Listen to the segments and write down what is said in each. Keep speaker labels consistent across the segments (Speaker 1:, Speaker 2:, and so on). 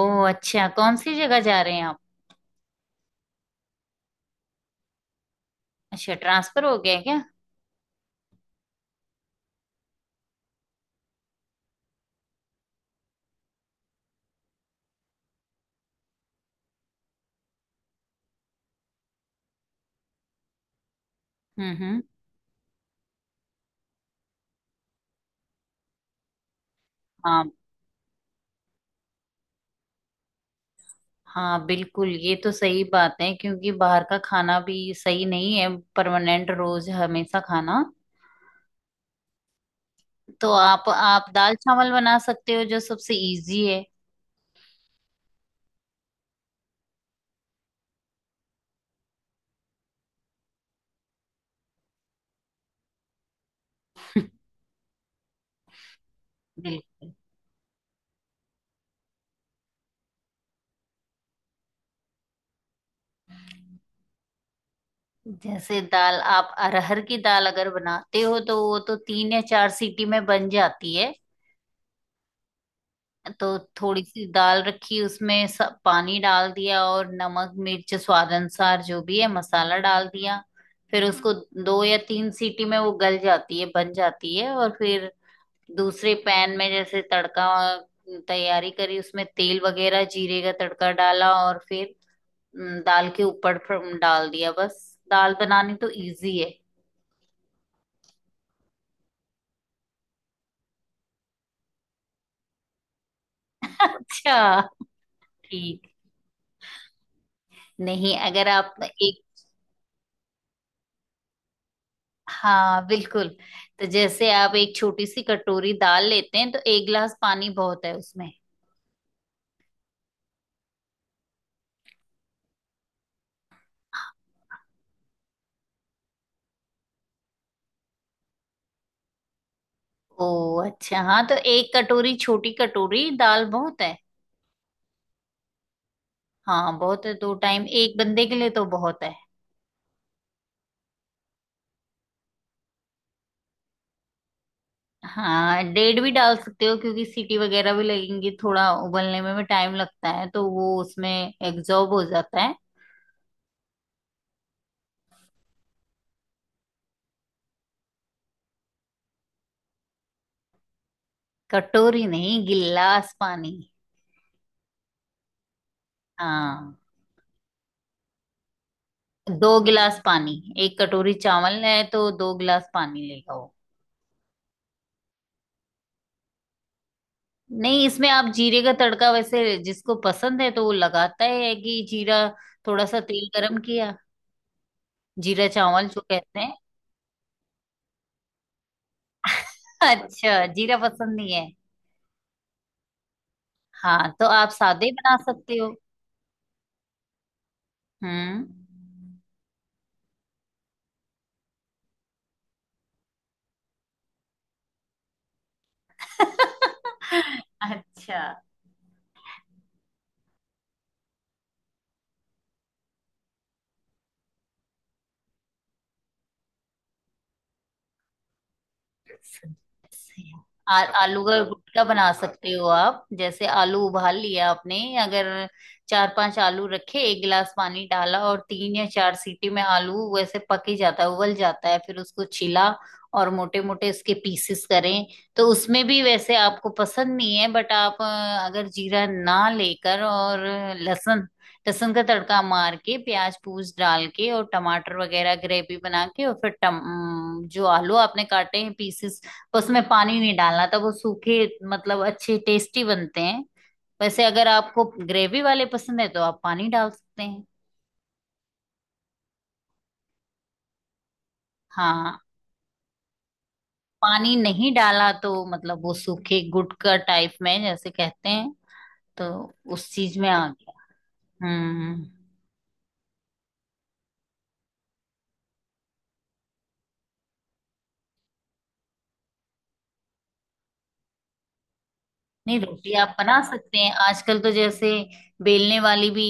Speaker 1: ओह अच्छा, कौन सी जगह जा रहे हैं आप। अच्छा, ट्रांसफर हो गया है क्या। हम्म हम्म हाँ हाँ बिल्कुल, ये तो सही बात है क्योंकि बाहर का खाना भी सही नहीं है परमानेंट रोज हमेशा खाना। तो आप दाल चावल बना सकते हो, जो सबसे इजी है। बिल्कुल। जैसे दाल, आप अरहर की दाल अगर बनाते हो तो वो तो तीन या चार सीटी में बन जाती है। तो थोड़ी सी दाल रखी, उसमें सब पानी डाल दिया और नमक मिर्च स्वाद अनुसार जो भी है मसाला डाल दिया। फिर उसको दो या तीन सीटी में वो गल जाती है, बन जाती है। और फिर दूसरे पैन में जैसे तड़का तैयारी करी, उसमें तेल वगैरह जीरे का तड़का डाला और फिर दाल के ऊपर फिर डाल दिया बस। दाल बनानी तो इजी है। अच्छा, ठीक। नहीं, अगर आप एक। हाँ बिल्कुल, तो जैसे आप एक छोटी सी कटोरी दाल लेते हैं तो एक गिलास पानी बहुत है उसमें। ओ, अच्छा। हाँ, तो एक कटोरी, छोटी कटोरी दाल बहुत है। हाँ, बहुत है, दो टाइम एक बंदे के लिए तो बहुत है। हाँ, डेढ़ भी डाल सकते हो क्योंकि सीटी वगैरह भी लगेंगी, थोड़ा उबलने में भी टाइम लगता है, तो वो उसमें एब्जॉर्ब हो जाता है। कटोरी नहीं, गिलास पानी। हाँ, दो गिलास पानी। एक कटोरी चावल है तो दो गिलास पानी लेगा वो। नहीं, इसमें आप जीरे का तड़का, वैसे जिसको पसंद है तो वो लगाता ही है कि जीरा, थोड़ा सा तेल गरम किया। जीरा चावल जो कहते हैं। अच्छा, जीरा पसंद नहीं है। हाँ, तो आप सादे बना सकते हो। हम्म। अच्छा, आलू का गुटका बना सकते हो आप। जैसे आलू उबाल लिया आपने, अगर चार पांच आलू रखे, एक गिलास पानी डाला और तीन या चार सीटी में आलू वैसे पक ही जाता है, उबल जाता है। फिर उसको छिला और मोटे मोटे इसके पीसेस करें। तो उसमें भी वैसे आपको पसंद नहीं है बट आप, अगर जीरा ना लेकर और लहसुन, लहसुन का तड़का मार के प्याज पूज डाल के और टमाटर वगैरह ग्रेवी बना के और फिर टम, जो आलू आपने काटे हैं पीसेस, उसमें पानी नहीं डालना, तब वो सूखे, मतलब अच्छे टेस्टी बनते हैं। वैसे अगर आपको ग्रेवी वाले पसंद है तो आप पानी डाल सकते हैं। हाँ। पानी नहीं डाला तो मतलब वो सूखे गुटका टाइप में जैसे कहते हैं, तो उस चीज में आ गया। हम्म। नहीं, रोटी आप बना सकते हैं। आजकल तो जैसे बेलने वाली भी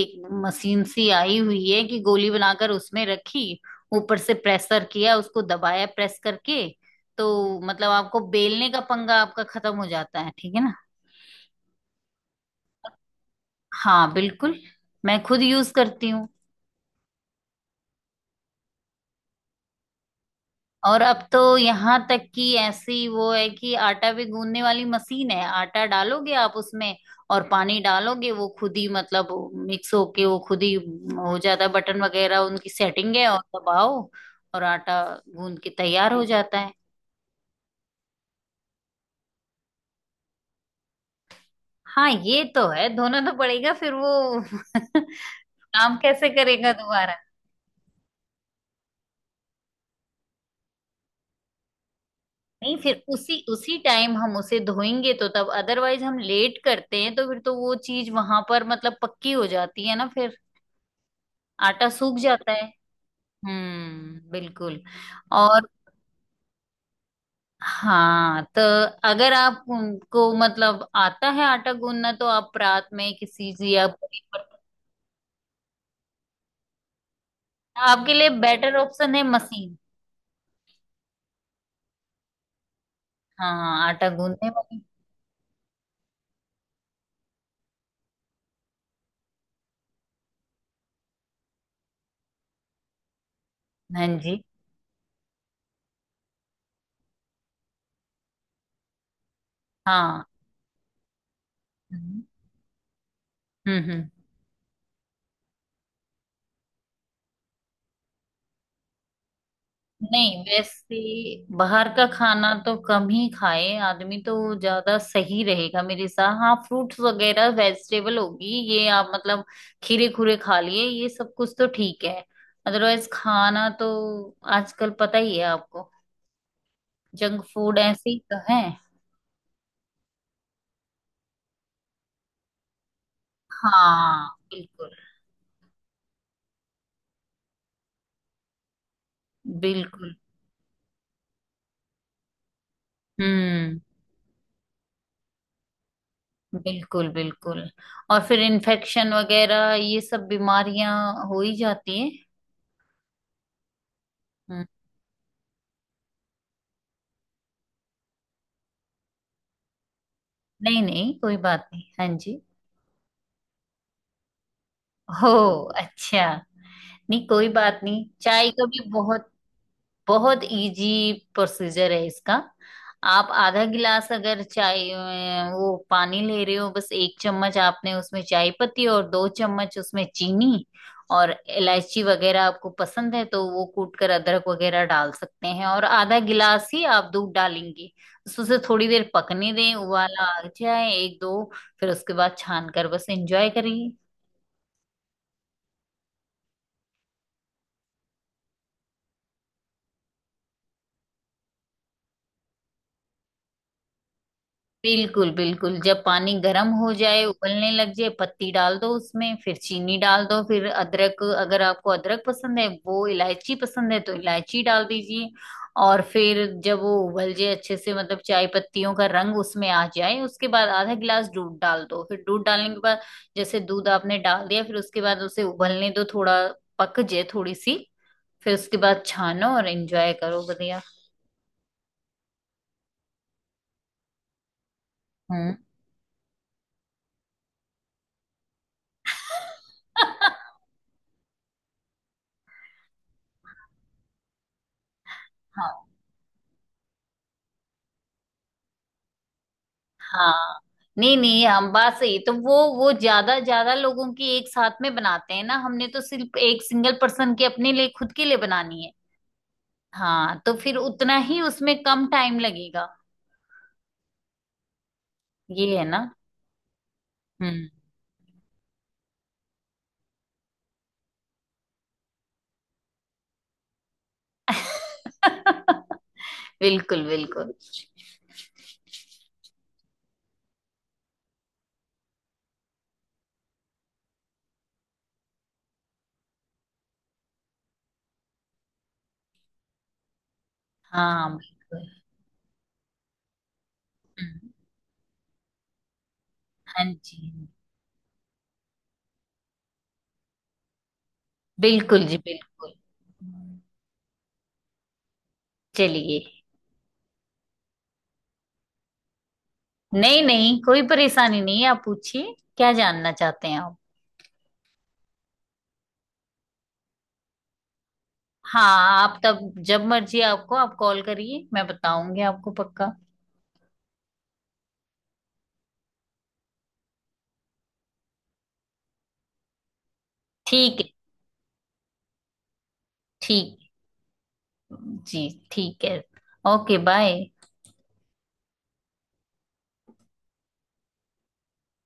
Speaker 1: एक मशीन सी आई हुई है कि गोली बनाकर उसमें रखी, ऊपर से प्रेशर किया, उसको दबाया, प्रेस करके। तो मतलब आपको बेलने का पंगा आपका खत्म हो जाता है, ठीक है ना। हाँ बिल्कुल, मैं खुद यूज करती हूँ। और अब तो यहाँ तक कि ऐसी वो है कि आटा भी गूंदने वाली मशीन है। आटा डालोगे आप उसमें और पानी डालोगे, वो खुद ही मतलब मिक्स होके वो खुद ही हो जाता है। बटन वगैरह उनकी सेटिंग है और दबाओ, और आटा गूंद के तैयार हो जाता है। हाँ, ये तो है, धोना तो पड़ेगा फिर वो काम कैसे करेगा दोबारा। नहीं, फिर उसी उसी टाइम हम उसे धोएंगे तो, तब अदरवाइज हम लेट करते हैं तो फिर तो वो चीज वहां पर मतलब पक्की हो जाती है ना फिर, आटा सूख जाता है। बिल्कुल। और हाँ, तो अगर आप उनको मतलब आता है आटा गूंदना तो आप रात में किसी से या कोई पर-, आपके लिए बेटर ऑप्शन है मशीन। हाँ, आटा गूंदने वाली। हाँ जी हाँ। हम्म हम्म। नहीं वैसे, बाहर का खाना तो कम ही खाए आदमी तो ज्यादा सही रहेगा मेरे साथ। हाँ, फ्रूट्स वगैरह वेजिटेबल होगी ये आप, मतलब खीरे खूरे खा लिए ये सब, कुछ तो ठीक है। अदरवाइज खाना तो आजकल पता ही है आपको, जंक फूड ऐसे ही तो है। हाँ बिल्कुल, बिल्कुल। हम्म, बिल्कुल बिल्कुल। और फिर इन्फेक्शन वगैरह ये सब बीमारियां हो ही जाती है। हम्म, नहीं नहीं, कोई बात नहीं, हाँ जी। हो, अच्छा। नहीं, कोई बात नहीं, चाय का भी बहुत बहुत इजी प्रोसीजर है इसका। आप आधा गिलास अगर चाय, वो पानी ले रहे हो, बस एक चम्मच आपने उसमें चाय पत्ती और दो चम्मच उसमें चीनी, और इलायची वगैरह आपको पसंद है तो वो कूट कर अदरक वगैरह डाल सकते हैं, और आधा गिलास ही आप दूध डालेंगे। बस उसे थोड़ी देर पकने दें, उबाला आ जाए एक दो, फिर उसके बाद छान कर बस एंजॉय करिए। बिल्कुल बिल्कुल, जब पानी गर्म हो जाए, उबलने लग जाए, पत्ती डाल दो उसमें, फिर चीनी डाल दो, फिर अदरक अगर आपको अदरक पसंद है, वो इलायची पसंद है तो इलायची डाल दीजिए। और फिर जब वो उबल जाए अच्छे से मतलब चाय पत्तियों का रंग उसमें आ जाए, उसके बाद आधा गिलास दूध डाल दो। फिर दूध डालने के बाद, जैसे दूध आपने डाल दिया, फिर उसके बाद उसे उबलने दो थोड़ा, पक जाए थोड़ी सी, फिर उसके बाद छानो और एंजॉय करो बढ़िया। हम्म। हाँ। हाँ, नहीं नहीं, हम बात सही है। तो वो ज्यादा ज्यादा लोगों की एक साथ में बनाते हैं ना, हमने तो सिर्फ एक सिंगल पर्सन की, अपने लिए, खुद के लिए बनानी है। हाँ, तो फिर उतना ही उसमें कम टाइम लगेगा। ये है ना। हम्म। बिल्कुल बिल्कुल। हाँ बिल्कुल। हम्म, हाँ जी, बिल्कुल जी बिल्कुल। चलिए। नहीं नहीं, कोई परेशानी नहीं है, आप पूछिए, क्या जानना चाहते हैं आप। हाँ, आप तब जब मर्जी आपको आप कॉल करिए, मैं बताऊंगी आपको पक्का। ठीक है। ठीक। जी ठीक है। Okay, bye.